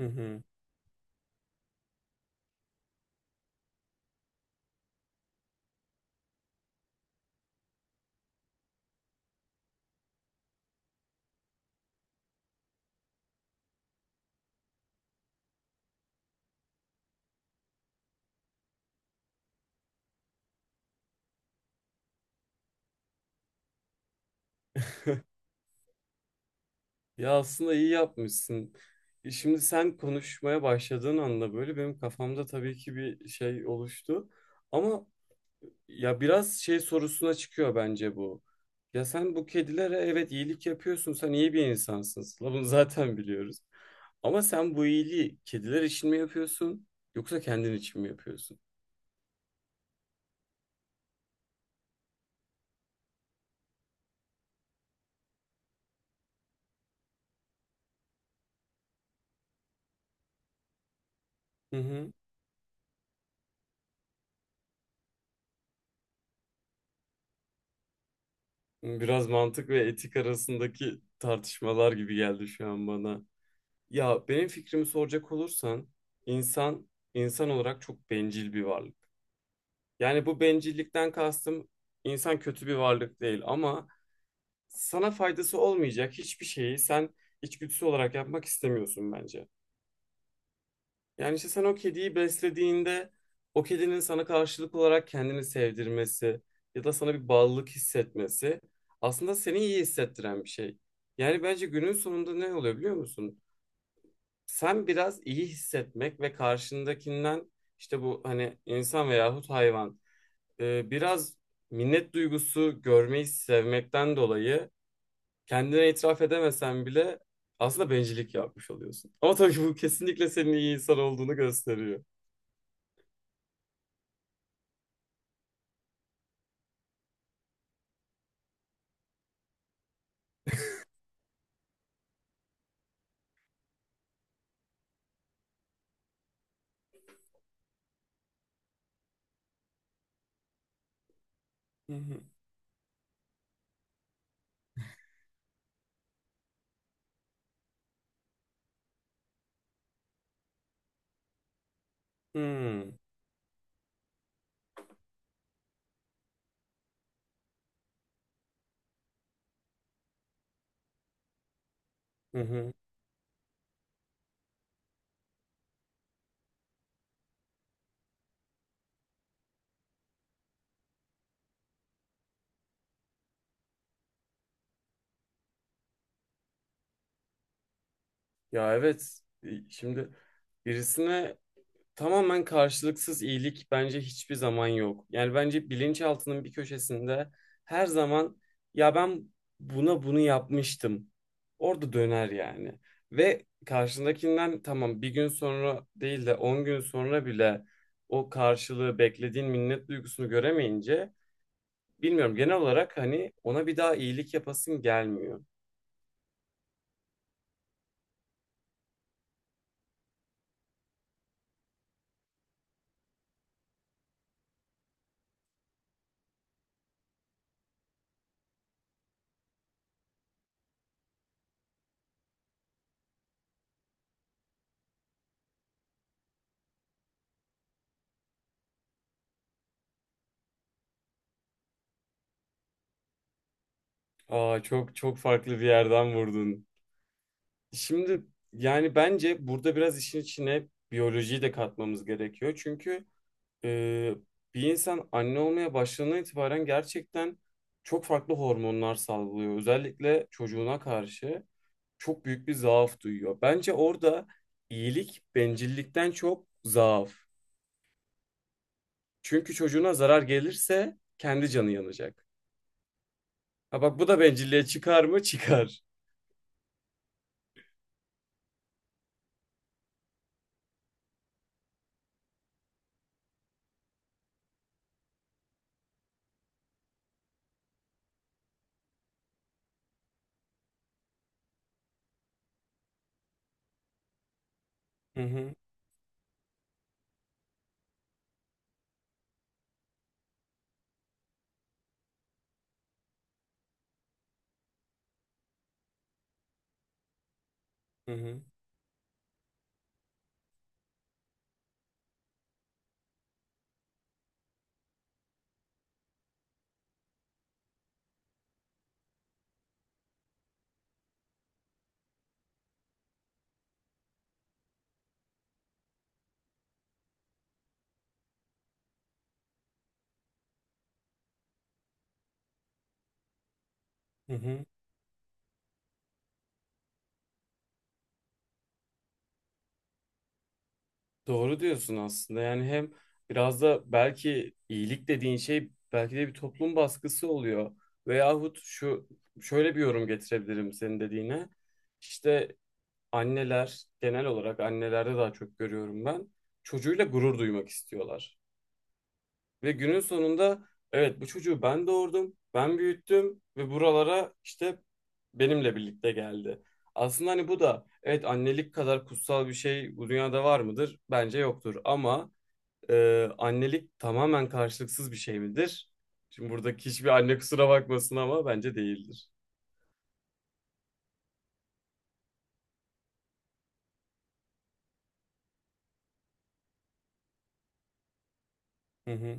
Hı hı. Ya aslında iyi yapmışsın. E şimdi sen konuşmaya başladığın anda böyle benim kafamda tabii ki bir şey oluştu. Ama ya biraz şey sorusuna çıkıyor bence bu. Ya sen bu kedilere evet iyilik yapıyorsun. Sen iyi bir insansın Sıla, bunu zaten biliyoruz. Ama sen bu iyiliği kediler için mi yapıyorsun yoksa kendin için mi yapıyorsun? Hı hı. Biraz mantık ve etik arasındaki tartışmalar gibi geldi şu an bana. Ya benim fikrimi soracak olursan insan insan olarak çok bencil bir varlık. Yani bu bencillikten kastım, insan kötü bir varlık değil ama sana faydası olmayacak hiçbir şeyi sen içgüdüsü olarak yapmak istemiyorsun bence. Yani işte sen o kediyi beslediğinde, o kedinin sana karşılık olarak kendini sevdirmesi ya da sana bir bağlılık hissetmesi aslında seni iyi hissettiren bir şey. Yani bence günün sonunda ne oluyor biliyor musun? Sen biraz iyi hissetmek ve karşındakinden, işte bu hani insan veyahut hayvan, biraz minnet duygusu görmeyi sevmekten dolayı, kendine itiraf edemesen bile aslında bencillik yapmış oluyorsun. Ama tabii ki bu kesinlikle senin iyi insan olduğunu gösteriyor. Hı hı. Hmm. Hı hı. Ya evet. Şimdi birisine, tamamen karşılıksız iyilik bence hiçbir zaman yok. Yani bence bilinçaltının bir köşesinde her zaman ya ben bunu yapmıştım. Orada döner yani. Ve karşındakinden, tamam bir gün sonra değil de 10 gün sonra bile o karşılığı beklediğin minnet duygusunu göremeyince, bilmiyorum, genel olarak hani ona bir daha iyilik yapasın gelmiyor. Aa, çok çok farklı bir yerden vurdun. Şimdi, yani bence burada biraz işin içine biyolojiyi de katmamız gerekiyor. Çünkü e, bir insan anne olmaya başladığından itibaren gerçekten çok farklı hormonlar salgılıyor. Özellikle çocuğuna karşı çok büyük bir zaaf duyuyor. Bence orada iyilik bencillikten çok zaaf. Çünkü çocuğuna zarar gelirse kendi canı yanacak. Ha bak bu da bencilliğe çıkar mı? Çıkar. Hı hı, hı hı, hı hı. Doğru diyorsun aslında. Yani hem biraz da belki iyilik dediğin şey belki de bir toplum baskısı oluyor. Veyahut şöyle bir yorum getirebilirim senin dediğine. İşte anneler, genel olarak annelerde daha çok görüyorum ben. Çocuğuyla gurur duymak istiyorlar. Ve günün sonunda evet, bu çocuğu ben doğurdum, ben büyüttüm ve buralara işte benimle birlikte geldi. Aslında hani bu da, evet, annelik kadar kutsal bir şey bu dünyada var mıdır? Bence yoktur ama annelik tamamen karşılıksız bir şey midir? Şimdi buradaki hiçbir anne kusura bakmasın ama bence değildir. Hı hı,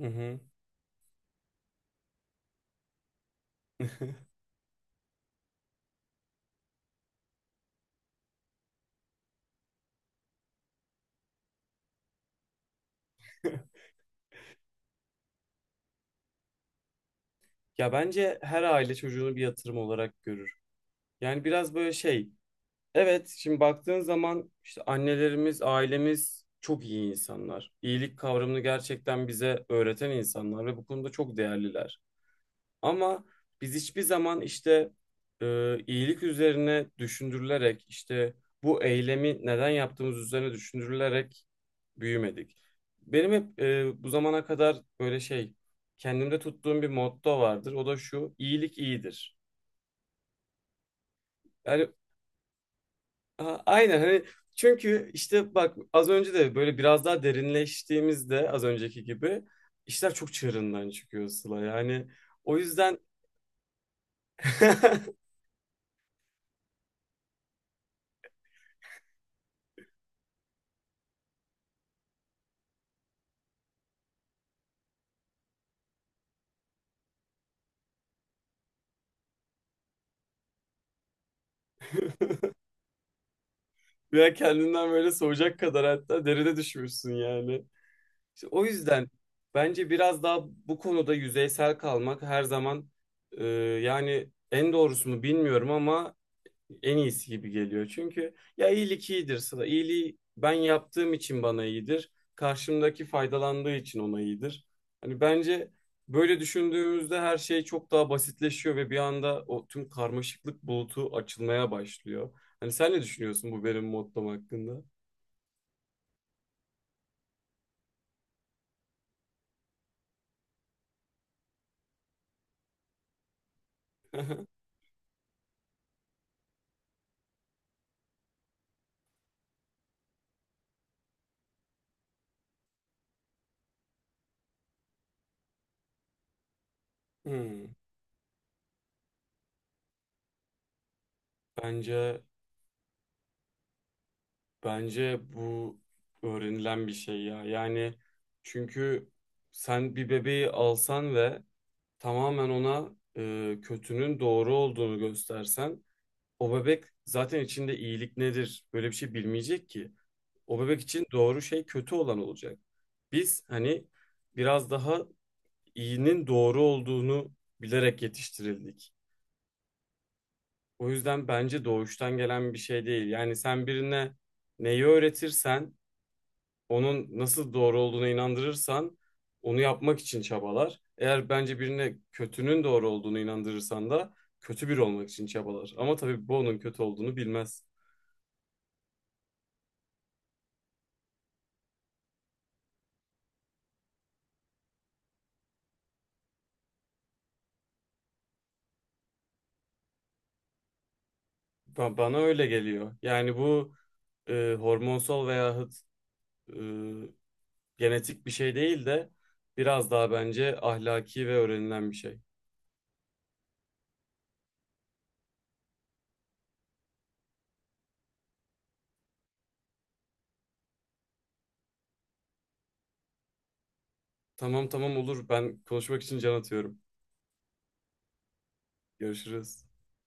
hı hı. Ya bence her aile çocuğunu bir yatırım olarak görür. Yani biraz böyle şey. Evet, şimdi baktığın zaman işte annelerimiz, ailemiz çok iyi insanlar. İyilik kavramını gerçekten bize öğreten insanlar ve bu konuda çok değerliler. Ama biz hiçbir zaman işte iyilik üzerine düşündürülerek, işte bu eylemi neden yaptığımız üzerine düşündürülerek büyümedik. Benim hep bu zamana kadar böyle şey, kendimde tuttuğum bir motto vardır. O da şu: iyilik iyidir. Yani aynen, hani çünkü işte bak az önce de böyle biraz daha derinleştiğimizde, az önceki gibi işler çok çığırından çıkıyor Sıla. Yani o yüzden. Veya kendinden böyle soğuyacak kadar, hatta derine düşmüşsün yani. İşte o yüzden bence biraz daha bu konuda yüzeysel kalmak her zaman, e, yani en doğrusu mu bilmiyorum ama en iyisi gibi geliyor. Çünkü ya iyilik iyidir Sıla. İyiliği ben yaptığım için bana iyidir. Karşımdaki faydalandığı için ona iyidir. Hani bence böyle düşündüğümüzde her şey çok daha basitleşiyor ve bir anda o tüm karmaşıklık bulutu açılmaya başlıyor. Hani sen ne düşünüyorsun bu benim mottom hakkında? Hmm, bence bu öğrenilen bir şey ya. Yani çünkü sen bir bebeği alsan ve tamamen ona kötünün doğru olduğunu göstersen, o bebek zaten içinde iyilik nedir böyle bir şey bilmeyecek ki. O bebek için doğru şey kötü olan olacak. Biz hani biraz daha iyinin doğru olduğunu bilerek yetiştirildik. O yüzden bence doğuştan gelen bir şey değil. Yani sen birine neyi öğretirsen, onun nasıl doğru olduğuna inandırırsan, onu yapmak için çabalar. Eğer bence birine kötünün doğru olduğunu inandırırsan da kötü biri olmak için çabalar. Ama tabii bu onun kötü olduğunu bilmez. Bana öyle geliyor. Yani bu hormonsal veyahut e, genetik bir şey değil de biraz daha bence ahlaki ve öğrenilen bir şey. Tamam tamam, olur. Ben konuşmak için can atıyorum. Görüşürüz.